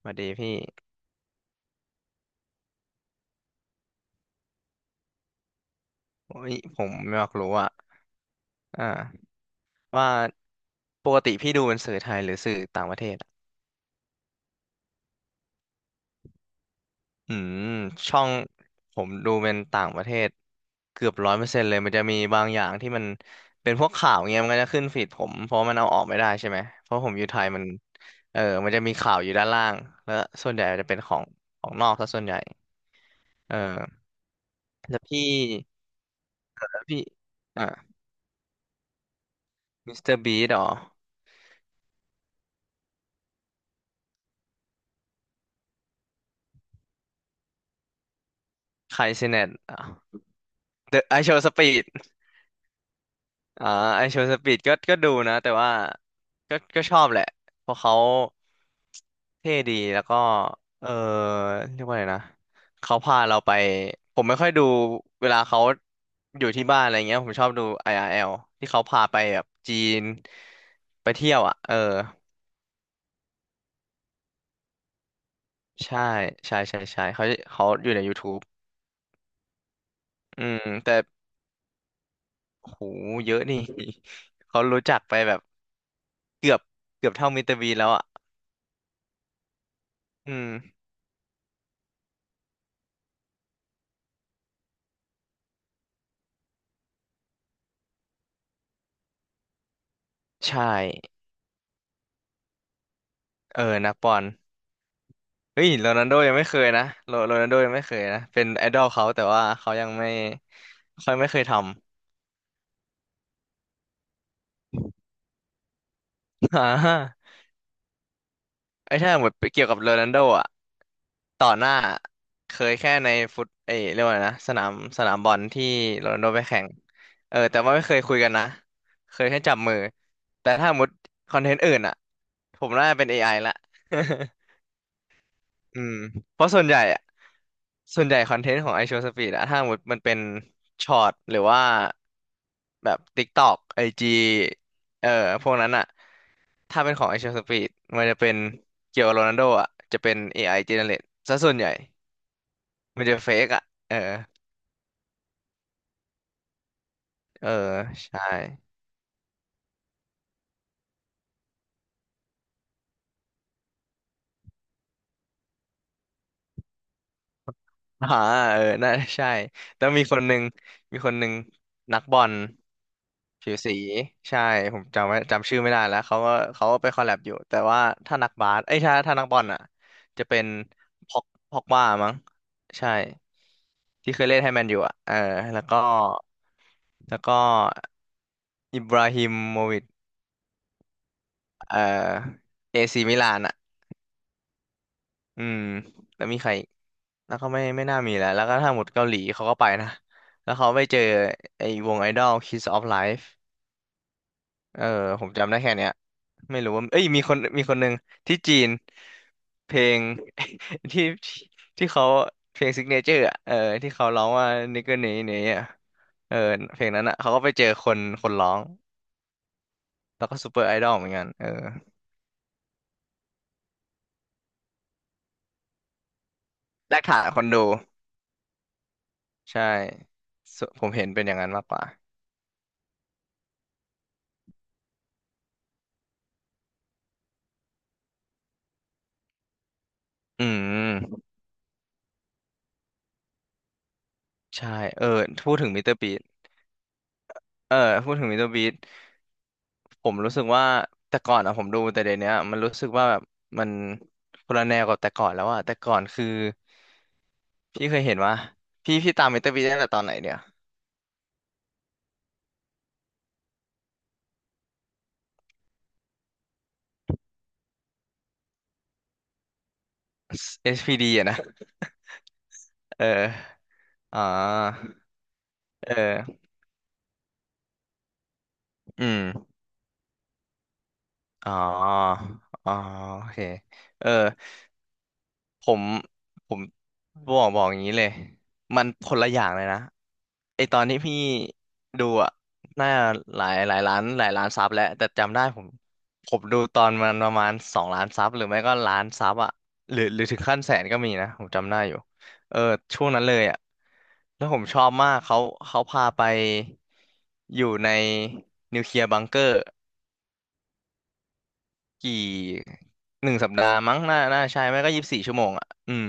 สวัสดีพี่โอ้ยผมไม่อยากรู้อะอ่าว่าปกติพี่ดูเป็นสื่อไทยหรือสื่อต่างประเทศอะอืมช่องผมดูเป็นต่างประเทศเกือบ100%เลยมันจะมีบางอย่างที่มันเป็นพวกข่าวเงี้ยมันก็จะขึ้นฟีดผมเพราะมันเอาออกไม่ได้ใช่ไหมเพราะผมอยู่ไทยมันเออมันจะมีข่าวอยู่ด้านล่างแล้วส่วนใหญ่จะเป็นของของนอกซะส่วนใหญ่เออแล้วพี่แล้วพี่อ่ามิสเตอร์บีดหรอไคเซเนตอ่ะเดอะไอโชว์สปีด อ่าไอโชว์สปีดก็ดูนะแต่ว่าก็ชอบแหละเพราะเขาเท่ดีแล้วก็เออเรียกว่าไงนะเขาพาเราไปผมไม่ค่อยดูเวลาเขาอยู่ที่บ้านอะไรเงี้ยผมชอบดู i ออาร์แอลที่เขาพาไปแบบจีนไปเที่ยวอ่ะเออใช่ใช่เขาอยู่ใน YouTube อืมแต่โหเยอะนี่ เขารู้จักไปแบบเกือบเกือบเท่ามิสเตอร์บีนแล้วอ่ะอืมใช่ เออนะปอนเฮ้ยโรนัลโดยังไม่เคยนะโรนัลโดยังไม่เคยนะเป็นไอดอลเขาแต่ว่าเขายังไม่ค่อยไม่เคยทำ ไอ้ถ้าหมดเกี่ยวกับโรนัลโดอ่ะต่อหน้าเคยแค่ในฟุตเรียกว่าไงนะสนามบอลที่โรนัลโดไปแข่งเออแต่ว่าไม่เคยคุยกันนะเคยแค่จับมือแต่ถ้าหมดคอนเทนต์อื่นอ่ะผมน่าจะเป็น AI ละ อืมเพราะส่วนใหญ่คอนเทนต์ของไอโชว์สปีดอะถ้าหมดมันเป็นช็อตหรือว่าแบบ TikTok IG เอ่อพวกนั้นอะถ้าเป็นของไอโชว์สปีดมันจะเป็นเกี่ยวกับโรนัลโดอะจะเป็น AI generate ซะส่วนใหญ่มันจะเฟกอะเออใช่ อ่าเออน่าใช่แล้วมีคนหนึ่งนักบอลผิวสีใช่ผมจำชื่อไม่ได้แล้วเขาก็ไปคอลแลบอยู่ แต่ว่าถ้านักบาสเอ้ยถ้านักบอลอ่ะ จะเป็นพ็อกพ็อกบ้ามั้งใช่ที่เคยเล่นให้แมนอยู่อ่ะเออแล้วก็แล้วก็อิบราฮิโมวิชเอ่อเอซีมิลานอ่ะ อืมแล้วมีใครอีกแล้วก็ไม่น่ามีแล้วแล้วก็ถ้าหมดเกาหลีเขาก็ไปนะแล้วเขาไปเจอไอ้วงไอดอล Kiss of Life เออผมจำได้แค่เนี้ยไม่รู้ว่าเอ้ยมีคนหนึ่งที่จีนเพลง ที่เขาเพลงซิกเนเจอร์อ่ะเออที่เขาร้องว่า n i g กิ r นี้อ่ะเออเพลงนั้นอ่ะเขาก็ไปเจอคนร้องแล้วก็ซูเปอร์ไอดอลเหมือนกันเออแลกฐานคนดูใช่สผมเห็นเป็นอย่างนั้นมากกว่าอืม ใช่เออพูดถึงมิสเตอร์บีสเออพูดถึงมิสเตอร์บีสผมรู้สึกว่าแต่ก่อนอะผมดูแต่เดี๋ยวเนี้ยมันรู้สึกว่าแบบมันคนละแนวกับแต่ก่อนแล้วอะแต่ก่อนคือพี่เคยเห็นว่าพี่ตามมิสเตอร์บีสตั้งแต่ตอนไหนเนี่ย SPD อชพีดีอะนะเอออ๋อเอออืมอ๋ออ๋อโอเคเออ ผมผมบอกอย่างนี้เลยมันคนละอย่างเลยนะไอตอนที่พี่ดูอ่ะน่าหลายหลายล้านหลายล้านซับแล้วแต่จำได้ผมดูตอนมันประมาณ2 ล้านซับหรือไม่ก็ล้านซับอ่ะหรือถึงขั้นแสนก็มีนะผมจำได้อยู่เออช่วงนั้นเลยอ่ะแล้วผมชอบมากเขาพาไปอยู่ในนิวเคลียร์บังเกอร์ กี่1 สัปดาห์มั้งน่าใช่ไม่ก็24 ชั่วโมงอ่ะอืม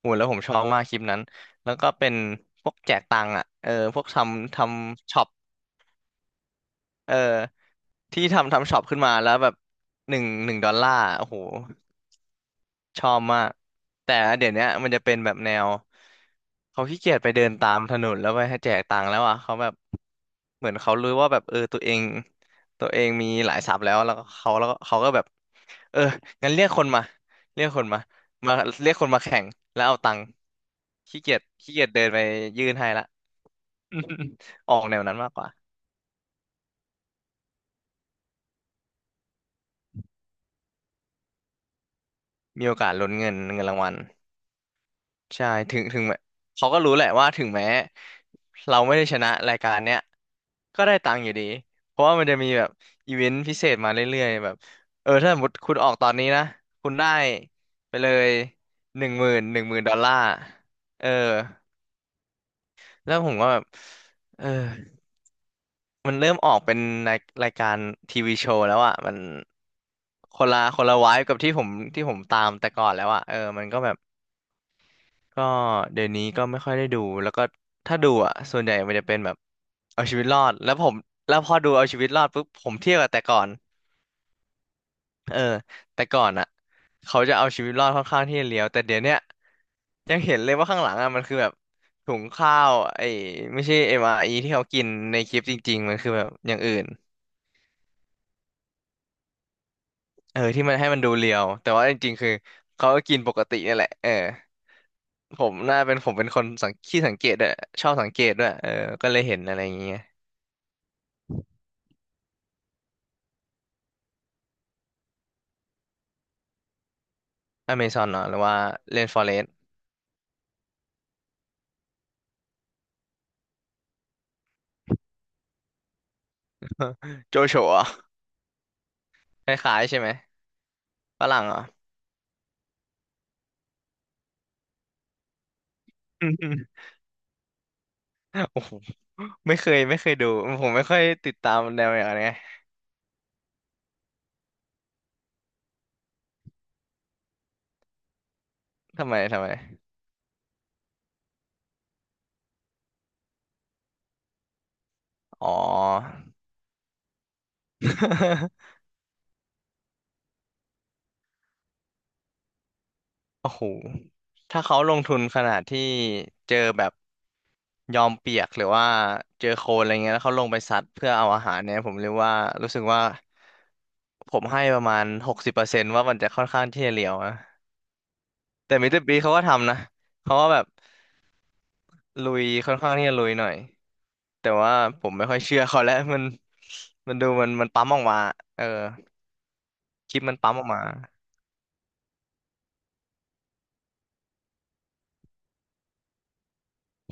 โหแล้วผมชอบมากคลิปนั้นแล้วก็เป็นพวกแจกตังค์อ่ะเออพวกทำช็อปเออที่ทำช็อปขึ้นมาแล้วแบบหนึ่งดอลลาร์โอ้โห ชอบมากแต่เดี๋ยวเนี้ยมันจะเป็นแบบแนวเขาขี้เกียจไปเดินตามถนนแล้วไปให้แจกตังค์แล้วอ่ะเขาแบบเหมือนเขารู้ว่าแบบเออตัวเองมีหลายทรัพย์แล้วแล้วก็เขาก็แบบเอองั้นเรียกคนมาเรียกคนมามาเรียกคนมาแข่งแล้วเอาตังค์ขี้เกียจเดินไปยื่นให้ละ ออกแนวนั้นมากกว่ามีโอกาสลุ้นเงินรางวัล ใช่ถึงแม้เขาก็รู้แหละว่าถึงแม้เราไม่ได้ชนะรายการเนี้ยก็ได้ตังค์อยู่ดีเพราะว่ามันจะมีแบบอีเวนต์พิเศษมาเรื่อยๆแบบเออถ้าสมมติคุณออกตอนนี้นะคุณได้ไปเลยหนึ่งหมื่นดอลลาร์เออแล้วผมก็แบบเออมันเริ่มออกเป็นรายรายการทีวีโชว์แล้วอ่ะมันคนละวายกับที่ผมตามแต่ก่อนแล้วอ่ะเออมันก็แบบ ก็เดี๋ยวนี้ก็ไม่ค่อยได้ดูแล้วก็ถ้าดูอ่ะส่วนใหญ่มันจะเป็นแบบเอาชีวิตรอดแล้วผมแล้วพอดูเอาชีวิตรอดปุ๊บผมเทียบกับแต่ก่อนเออแต่ก่อนอ่ะเขาจะเอาชีวิตรอดค่อนข้างที่จะเลี้ยวแต่เดี๋ยวเนี้ยยังเห็นเลยว่าข้างหลังอ่ะมันคือแบบถุงข้าวไอ้ไม่ใช่เอ็มอาร์อีที่เขากินในคลิปจริงๆมันคือแบบอย่างอื่นเออที่มันให้มันดูเรียวแต่ว่าจริงๆคือเขาก็กินปกตินี่แหละเออผมน่าเป็นผมเป็นคนสังเกตด้วยชอบสังเกตด้วยเออก็เลยเห็นอะไรอย่างเงี้ย อเมซอนเหรอหรือว่าเรนฟอเรสต์โจโฉอ่ะคล้ายๆใช่ไหมฝรั่งเหรอ่ะ โอ้โหไม่เคยไม่เคยดูผมไม่ค่อยติดตามแนวอย่างนี้นไงทำไมทำไมอ๋อ โอ้โหถ้าเขาลงทุนขนาดที่เจอแบบยอมเปียกหรือว่าเจอโคลนอะไรเงี้ยแล้วเขาลงไปซัดเพื่อเอาอาหารเนี่ยผมเรียกว่ารู้สึกว่าผมให้ประมาณ60%ว่ามันจะค่อนข้างที่จะเหลียวนะแต่มิสเตอร์บีเขาก็ทำนะเขาว่าแบบ ลุยค่อนข้างที่จะลุยหน่อยแต่ว่าผมไม่ค่อยเชื่อเขาแล้ว มันดูมันปั๊มออกมาเออคลิปมันปั๊มออกมา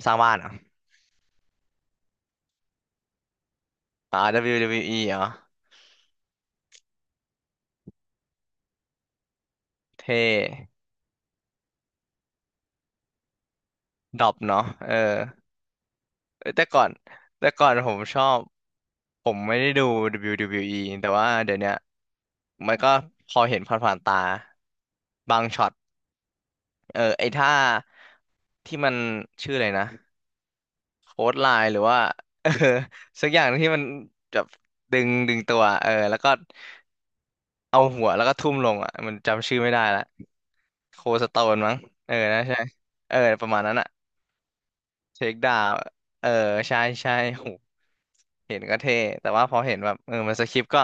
สร้างบ้านเหรออ่า WWE เบิลยูดับเบิลยูอีเหรอเท่ดรอปเนาะเออเอ้ยแต่ก่อนแต่ก่อนผมชอบผมไม่ได้ดู WWE แต่ว่าเดี๋ยวเนี้ยมันก็พอเห็นผ่านๆตาบางช็อตเออไอ้ท่าที่มันชื่ออะไรนะ โค้ดไลน์หรือว่า เออสักอย่างที่มันแบบดึงตัวเออแล้วก็เอาหัวแล้วก็ทุ่มลงอ่ะมันจำชื่อไม่ได้ละโคสโตนมั้งเออนะใช่เออประมาณนั้นอ่ะเทคดาวเออใช่ใช่โหเห็นก็เท่แต่ว่าพอเห็นแบบเออมันสคริปต์ก็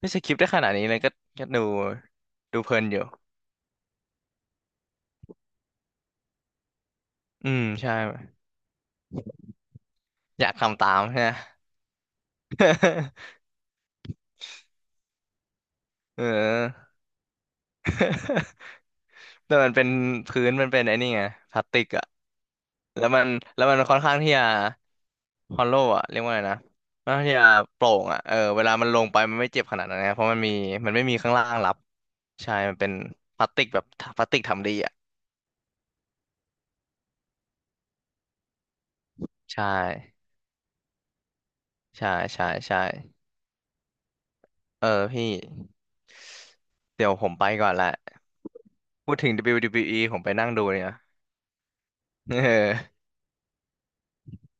ไม่สคริปต์ได้ขนาดนี้เลยก็ก็ดูดูเพลินอยู่อืมใช่อยากทำตามใช่ ไหม เออ แต่มันเป็นพื้นมันเป็นไอ้นี่ไงพลาสติกอะ แล้วมันแล้วมันค่อนข้างที่จะฮอลโลว์อะเรียกว่าไงนะค่อนข้างที่จะโปร่งอะเออเวลามันลงไปมันไม่เจ็บขนาดนั้นนะเพราะมันมีมันไม่มีข้างล่างรับใช่มันเป็นพลาสติกแบบพลาสติกทำดีอะใช่ใช่ใช่ใช่เออพี่เดี๋ยวผมไปก่อนละพูดถึง WWE ผมไปนั่งดูเนี่ย เออ